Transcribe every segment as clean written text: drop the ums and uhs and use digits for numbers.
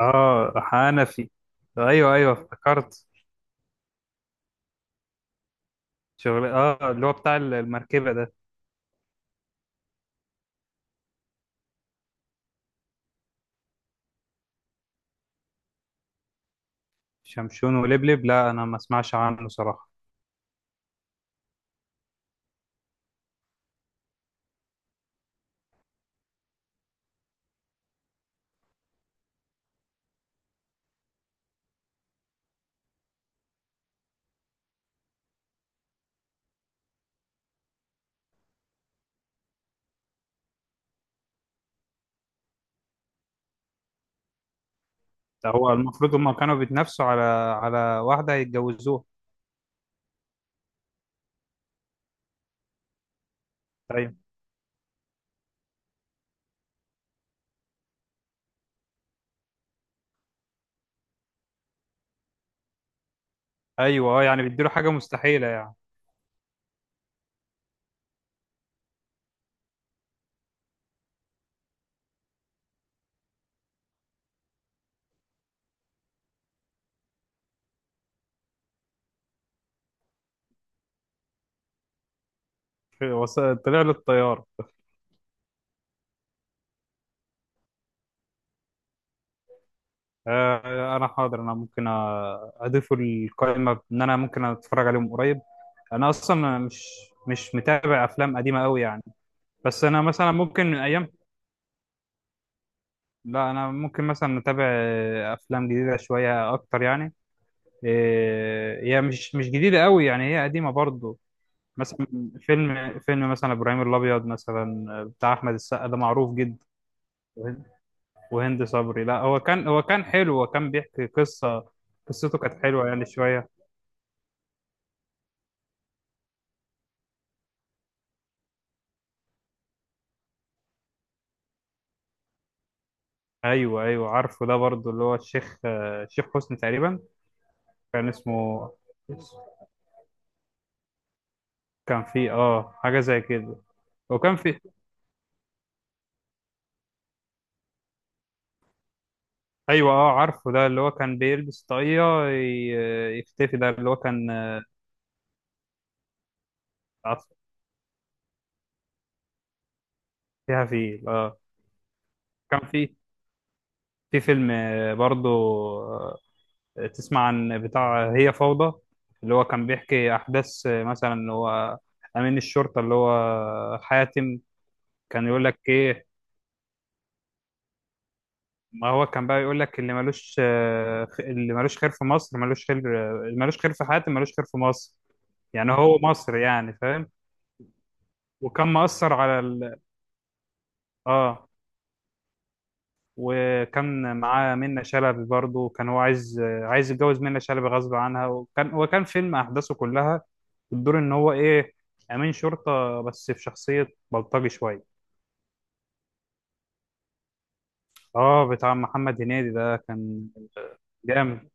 اه، حنفي. ايوه، ايوه، افتكرت. شغل، اللي هو بتاع المركبه ده. شمشون ولبلب، لا انا ما اسمعش عنه صراحه. ده هو المفروض هم كانوا بيتنافسوا على واحده هيتجوزوها. ايوه، ايوه، اه يعني بيديله حاجه مستحيله يعني. وص- طلع له الطيار. آه، انا حاضر، انا ممكن اضيفه القائمه ان انا ممكن اتفرج عليهم قريب. انا اصلا مش متابع افلام قديمه قوي يعني. بس انا مثلا ممكن من ايام. لا، انا ممكن مثلا اتابع افلام جديده شويه اكتر يعني. هي مش جديده قوي يعني، هي قديمه برضو. مثلا فيلم مثلا ابراهيم الابيض مثلا بتاع احمد السقا ده معروف جدا. وهند وهند صبري. لا، هو كان حلو، هو كان بيحكي قصه. قصته كانت حلوه يعني شويه. ايوه، ايوه، عارفه ده برضو اللي هو الشيخ، الشيخ حسني تقريبا. كان اسمه. كان فيه حاجه زي كده. وكان في. ايوه، اه، عارفه ده اللي هو كان بيلبس طاقية يختفي، ده اللي هو كان عطف. فيها، فيه اه. كان في فيلم برضو. آه، تسمع عن بتاع هي فوضى، اللي هو كان بيحكي احداث، مثلا اللي هو امين الشرطة اللي هو حاتم. كان يقول لك ايه؟ ما هو كان بقى يقول لك اللي ملوش، اللي ملوش خير في مصر ملوش خير. اللي ملوش خير في حاتم ملوش خير في مصر. يعني هو مصر، يعني فاهم. وكان مأثر على ال... اه، وكان معاه منة شلبي برضه، كان هو عايز، يتجوز منة شلبي غصب عنها. وكان هو كان فيلم أحداثه كلها بتدور إن هو إيه، أمين شرطة بس في شخصية بلطجي شوية. آه، بتاع محمد هنيدي ده كان جامد.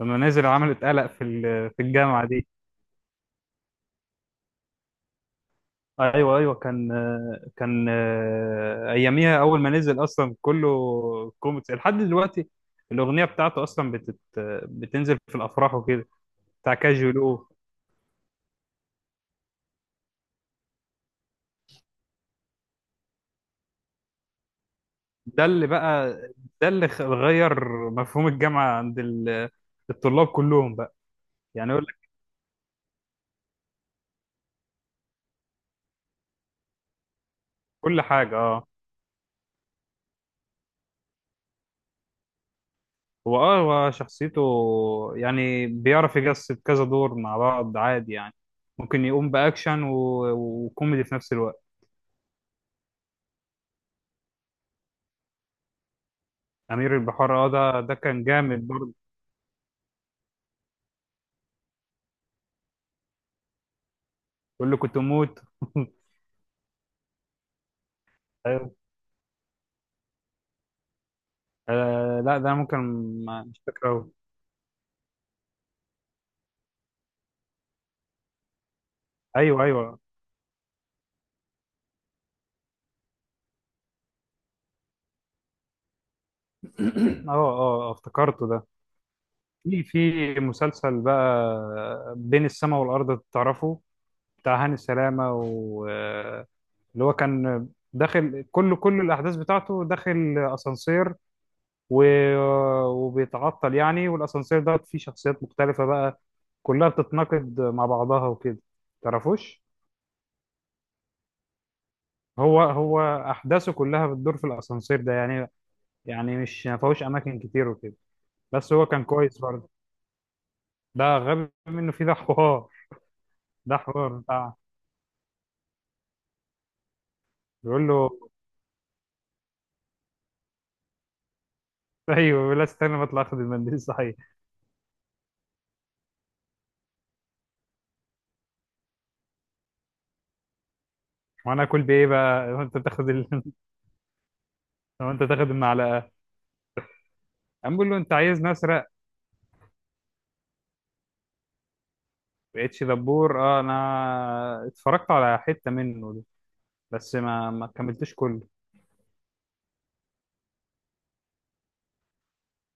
لما نزل عمل اتقلق في الجامعة دي. ايوه، ايوه، كان اياميها اول ما نزل اصلا كله كوميكس لحد دلوقتي. الاغنيه بتاعته اصلا بتنزل في الافراح وكده. بتاع كاجولو. ده اللي بقى ده اللي غير مفهوم الجامعة عند ال- الطلاب كلهم بقى. يعني يقول لك كل حاجة اه. هو، هو شخصيته، يعني بيعرف يجسد كذا دور مع بعض عادي يعني. ممكن يقوم بأكشن وكوميدي في نفس الوقت. أمير البحار، اه ده كان جامد برضه. يقول له كنت أموت أيوه، آه، لا ده ممكن. مش فاكره أوي. أيوه، أيوه. اه، اه، افتكرته ده. في مسلسل بقى بين السماء والأرض تعرفه؟ بتاع هاني سلامة و... اللي هو كان داخل كل الأحداث بتاعته داخل أسانسير و... وبيتعطل يعني، والأسانسير ده فيه شخصيات مختلفة بقى كلها بتتناقض مع بعضها وكده. تعرفوش؟ هو أحداثه كلها بتدور في الأسانسير ده يعني، يعني مش، ما فيهوش أماكن كتير وكده، بس هو كان كويس برضه. ده غبي منه فيه. ده حوار بيقول له، ايوه، بيقول لا استنى ما اطلع اخد المنديل صحيح. وانا اكل بايه بقى لو انت تاخد ال... لو انت تاخد المعلقه، قام بيقول له انت عايزني اسرق. اتش دبور، اه انا اتفرجت على حته منه ده بس ما كملتوش كله.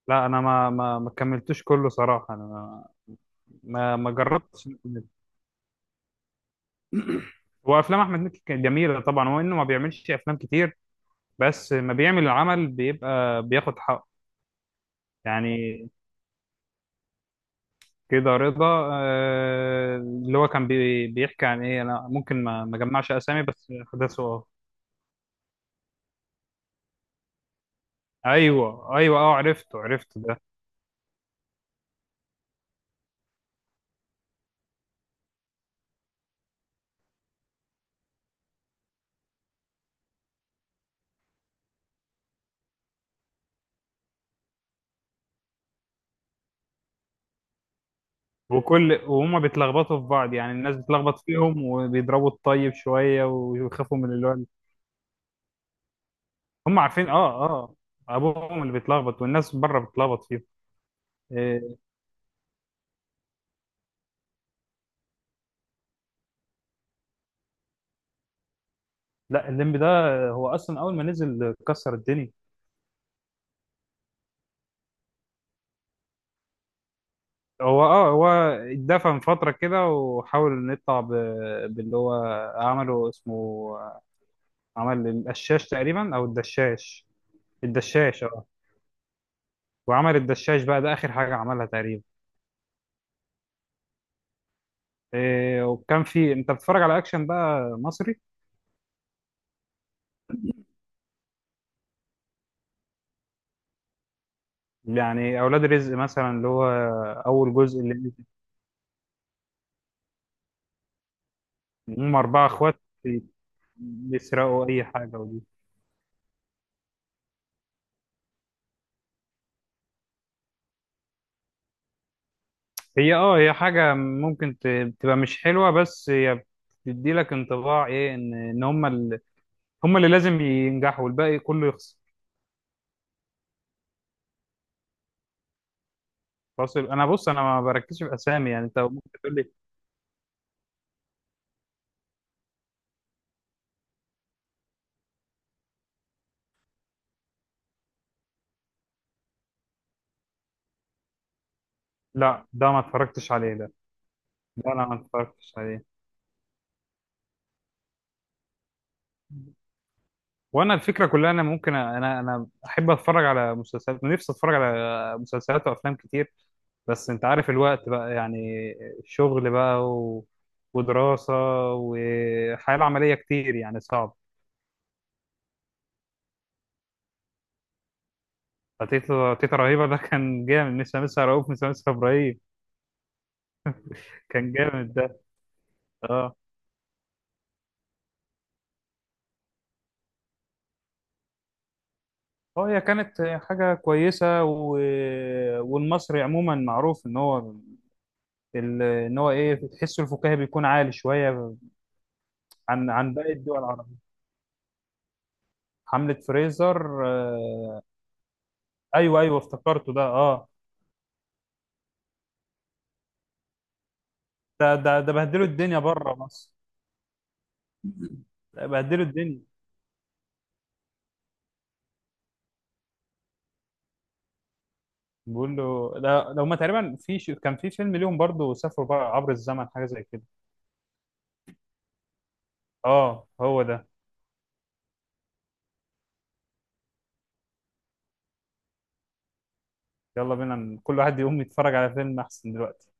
لا، انا ما كملتوش كله صراحه، انا ما جربتش إني أكمله. هو افلام احمد مكي كانت جميله طبعا، هو انه ما بيعملش افلام كتير بس ما بيعمل العمل بيبقى بياخد حقه. يعني كده رضا، اللي هو كان بيحكي عن ايه؟ انا ممكن ما اجمعش اسامي بس احداثه اه. ايوه، ايوه، اه عرفته، عرفته ده. وهما بيتلخبطوا في بعض يعني، الناس بتلخبط فيهم وبيضربوا الطيب شويه ويخافوا من اللي هو. هم عارفين، اه، اه، ابوهم اللي بيتلخبط والناس بره بتلخبط فيهم. آه، لا الليمبي ده هو اصلا اول ما نزل كسر الدنيا. هو، هو اتدفن فتره كده وحاول إنه يطلع باللي هو عمله اسمه، عمل القشاش تقريبا او الدشاش. الدشاش اه. وعمل الدشاش بقى ده اخر حاجه عملها تقريبا. إيه، وكان في، انت بتتفرج على اكشن بقى مصري؟ يعني اولاد رزق مثلا اللي هو اول جزء، اللي هم اربعه اخوات بيسرقوا اي حاجه ودي. هي، هي حاجه ممكن تبقى مش حلوه بس هي بتدي لك انطباع ايه ان هم ال... هم اللي لازم ينجحوا والباقي كله يخسر. فاصل، انا بص انا ما بركزش في اسامي يعني، انت ممكن تقول لي. لا ده ما اتفرجتش عليه ده. ده انا ما اتفرجتش عليه. وانا الفكره كلها، انا ممكن انا احب اتفرج على مسلسلات، نفسي اتفرج على مسلسلات وافلام كتير بس انت عارف الوقت بقى يعني، شغل بقى و... ودراسه وحياه العمليه كتير يعني صعب. تيتا، تيتا رهيبه ده كان جامد، مش لسه رؤوف، مش لسه ابراهيم. كان جامد ده. اه، اه، هي كانت حاجه كويسه و... والمصري عموما معروف ان هو ال- ان هو ايه، تحسه الفكاهي بيكون عالي شويه عن باقي الدول العربيه. حمله فريزر، آه. ايوه، ايوه، افتكرته ده، اه. ده بهدلوا الدنيا بره مصر. ده بهدلوا الدنيا. بيقول له لا لو ما تقريبا في ش... كان في فيلم ليهم برضو سافروا بقى عبر الزمن حاجه زي كده. اه، هو ده. يلا بينا، كل واحد يقوم يتفرج على فيلم احسن دلوقتي.